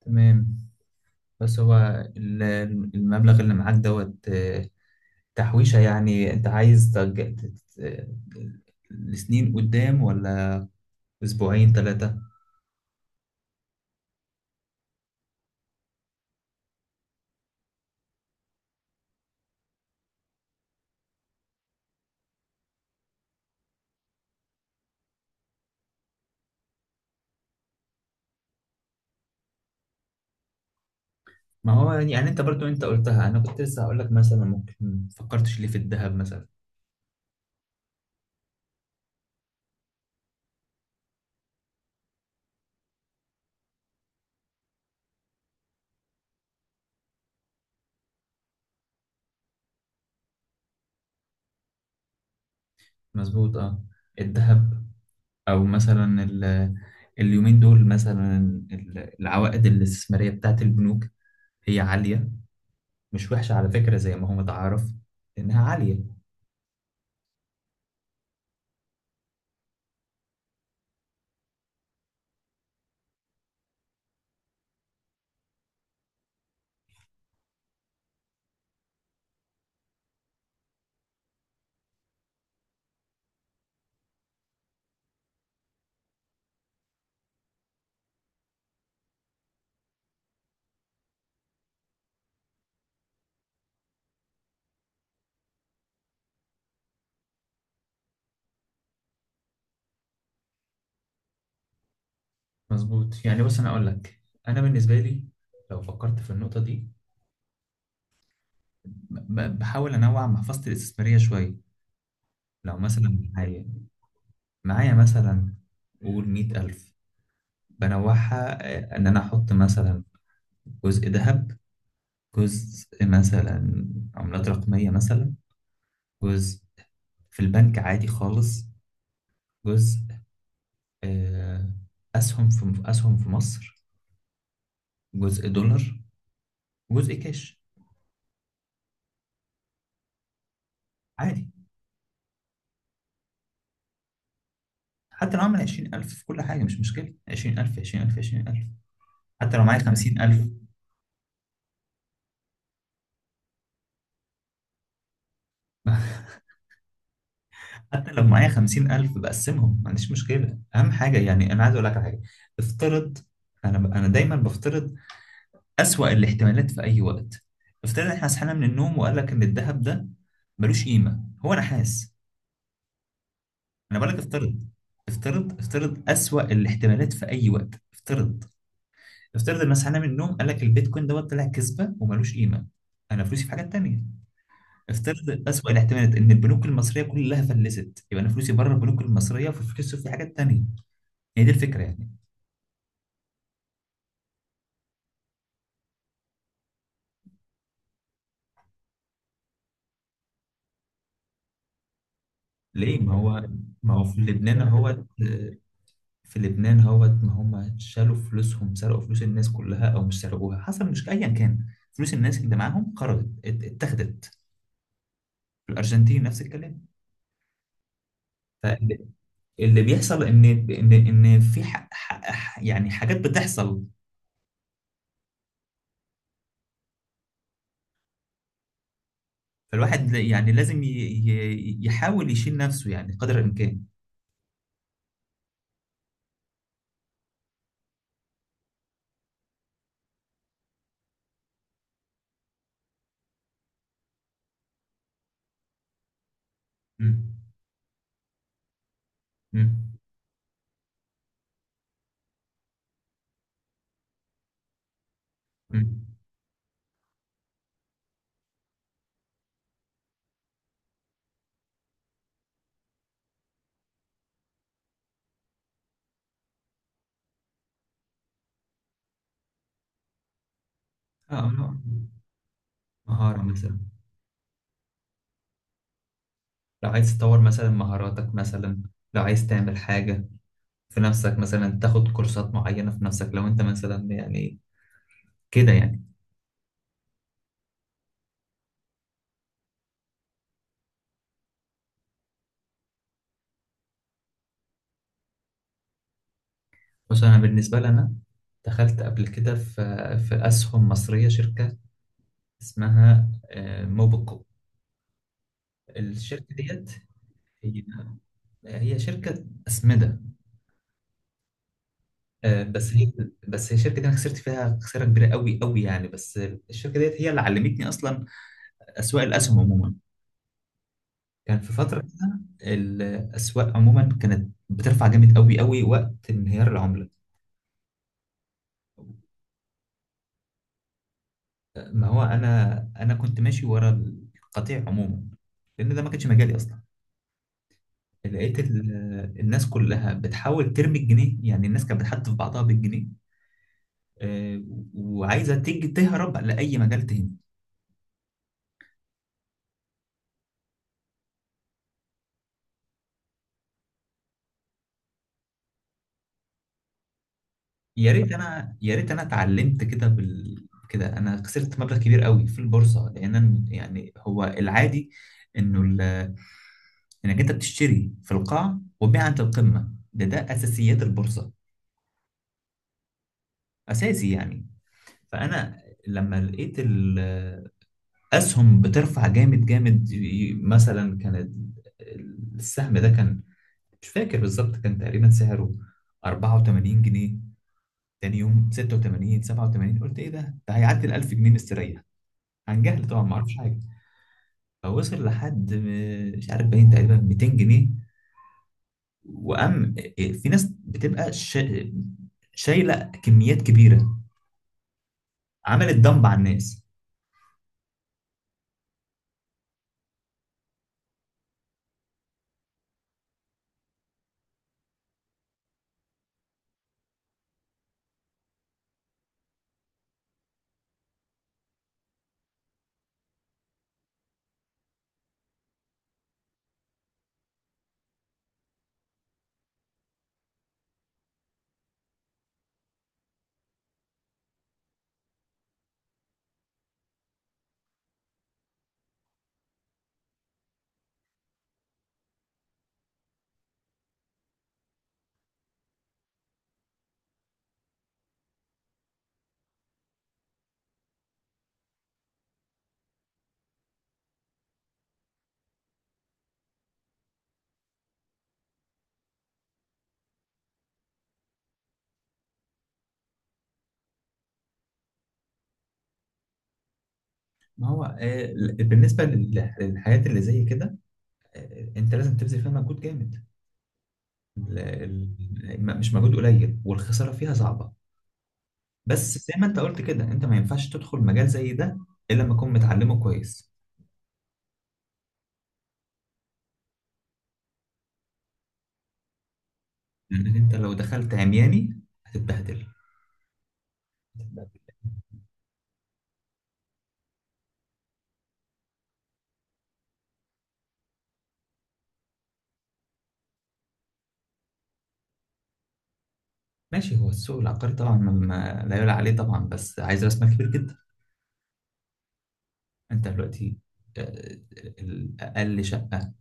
تمام. بس هو ال- المبلغ اللي معاك دوت تحويشة. يعني انت عايز لسنين قدام، ولا اسبوعين ثلاثة؟ ما هو يعني انت برضو انت قلتها، انا كنت لسه هقول لك مثلا: ممكن فكرتش ليه في الذهب مثلا؟ مظبوط، اه. الذهب، او مثلا اليومين دول، مثلا العوائد الاستثمارية بتاعت البنوك هي عالية، مش وحشة على فكرة، زي ما هو متعارف انها عالية. مظبوط. يعني بص، انا اقول لك، انا بالنسبه لي لو فكرت في النقطه دي، بحاول انوع محفظتي الاستثماريه شويه. لو مثلا معايا مثلا، قول 100,000، بنوعها. إن أنا أحط مثلا جزء ذهب، جزء مثلا عملات رقمية، مثلا جزء في البنك عادي خالص، جزء آه، أسهم في مصر، جزء دولار، جزء كاش. عادي، حتى لو عامل 20,000 في كل حاجة مش مشكلة. 20,000، 20,000، 20,000. حتى لو معايا 50,000. حتى لو معايا 50,000 بقسمهم، ما عنديش مشكلة. أهم حاجة يعني أنا عايز أقول لك على حاجة: افترض. أنا دايما بفترض أسوأ الاحتمالات في أي وقت. افترض إحنا صحينا من النوم وقال لك إن الذهب ده ملوش قيمة، هو نحاس. أنا بقول لك افترض. افترض، افترض أسوأ الاحتمالات في أي وقت. افترض، افترض إن صحينا من النوم قال لك البيتكوين دوت طلع كذبة وملوش قيمة. أنا فلوسي في حاجات تانية. افترض أسوأ الاحتمالات إن البنوك المصرية كلها فلست، يبقى أنا فلوسي بره البنوك المصرية وفلوسي في حاجات تانية. هي دي الفكرة يعني. ليه؟ ما هو في لبنان اهوت. ما هم شالوا فلوسهم، سرقوا فلوس الناس كلها، أو مش سرقوها، حصل، مش أيا كان. فلوس الناس اللي معاهم خرجت، اتاخدت. في الأرجنتين نفس الكلام. فاللي بيحصل إن في يعني حاجات بتحصل. فالواحد يعني لازم يحاول يشيل نفسه يعني قدر الإمكان. مم. مم. مم. اه، لا. مهارة مثلا. لو عايز تطور مثلا مهاراتك مثلا، لو عايز تعمل حاجة في نفسك مثلا، تاخد كورسات معينة في نفسك. لو انت مثلا يعني كده يعني. بس انا بالنسبة لي، انا دخلت قبل كده في اسهم مصرية، شركة اسمها موبيكو. الشركة ديت هي هي شركة أسمدة. آه، بس هي بس هي الشركة دي أنا خسرت فيها خسارة كبيرة قوي قوي يعني. بس الشركة ديت هي اللي علمتني أصلا أسواق الأسهم عموما. كان في فترة كده الأسواق عموما كانت بترفع جامد قوي قوي وقت انهيار العملة. ما هو أنا كنت ماشي ورا القطيع عموما، لأن ده ما كانش مجالي أصلا. لقيت الناس كلها بتحاول ترمي الجنيه، يعني الناس كانت بتحدف بعضها بالجنيه، آه، وعايزة تيجي تهرب لأي مجال تاني. يا ريت أنا اتعلمت كده. كده أنا خسرت مبلغ كبير قوي في البورصة، لأن يعني هو العادي إنه انك انت بتشتري في القاع وتبيع عند القمه. ده اساسيات البورصه، اساسي يعني. فانا لما لقيت الاسهم بترفع جامد جامد، مثلا السهم ده كان، مش فاكر بالظبط، كان تقريبا سعره 84 جنيه. تاني يوم 86، 87. قلت: ايه ده؟ ده هيعدي ال 1000 جنيه مستريح. عن جهل طبعا، ما اعرفش حاجه. فوصل لحد مش عارف، باين تقريبا 200 جنيه. وأم، في ناس بتبقى شايلة كميات كبيرة، عملت دمب على الناس. ما هو بالنسبة للحاجات اللي زي كده، أنت لازم تبذل فيها مجهود جامد. ال- مش مجهود قليل، والخسارة فيها صعبة. بس زي ما أنت قلت كده، أنت ما ينفعش تدخل مجال زي ده إلا لما تكون متعلمه كويس. لأنك أنت لو دخلت عمياني هتتبهدل. هتتبهدل. ماشي. هو السوق العقاري طبعا، لا يعلى عليه طبعا. بس عايز راس مال كبير جدا. انت دلوقتي آه، اقل شقه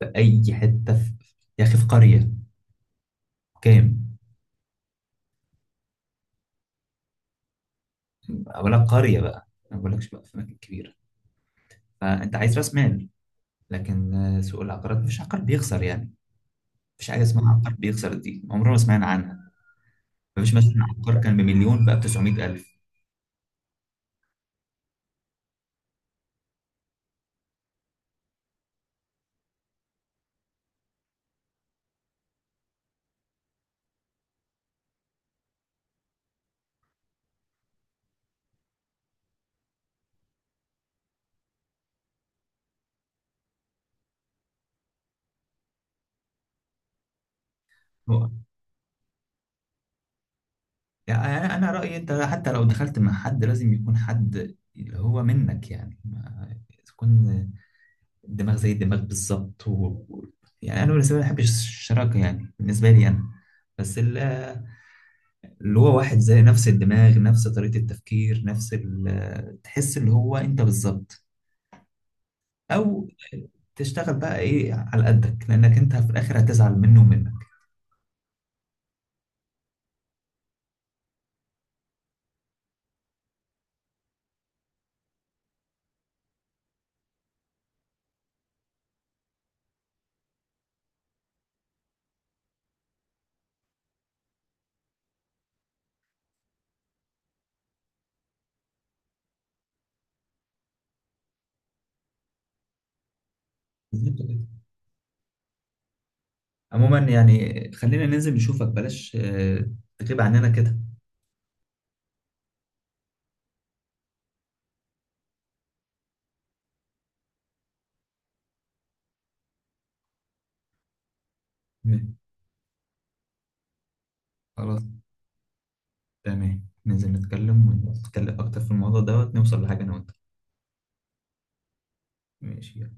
في اي حته يا اخي في قريه، كام؟ ولا قريه بقى، ما بقولكش بقى في اماكن كبيره. فانت عايز راس مال. لكن سوق العقارات مفيش عقار بيخسر يعني. مفيش حاجه اسمها عقار بيخسر، دي عمرنا ما سمعنا عنها. مفيش مثلا عقار كان بمليون بقى ب 900,000. هو يعني أنا رايي، انت حتى لو دخلت مع حد لازم يكون حد اللي هو منك، يعني ما تكون الدماغ زي الدماغ بالظبط. و- يعني انا بالنسبه لي ما بحبش الشراكه. يعني بالنسبه لي انا، بس اللي هو واحد زي، نفس الدماغ، نفس طريقه التفكير، نفس تحس اللي هو انت بالظبط. او تشتغل بقى ايه على قدك، لانك انت في الاخر هتزعل منه ومنك. بالظبط كده. عموما يعني خلينا ننزل نشوفك، بلاش تغيب عننا كده. تمام. خلاص. تمام، ننزل نتكلم ونتكلم اكتر في الموضوع دوت نوصل لحاجه انا وانت. ماشي، يلا.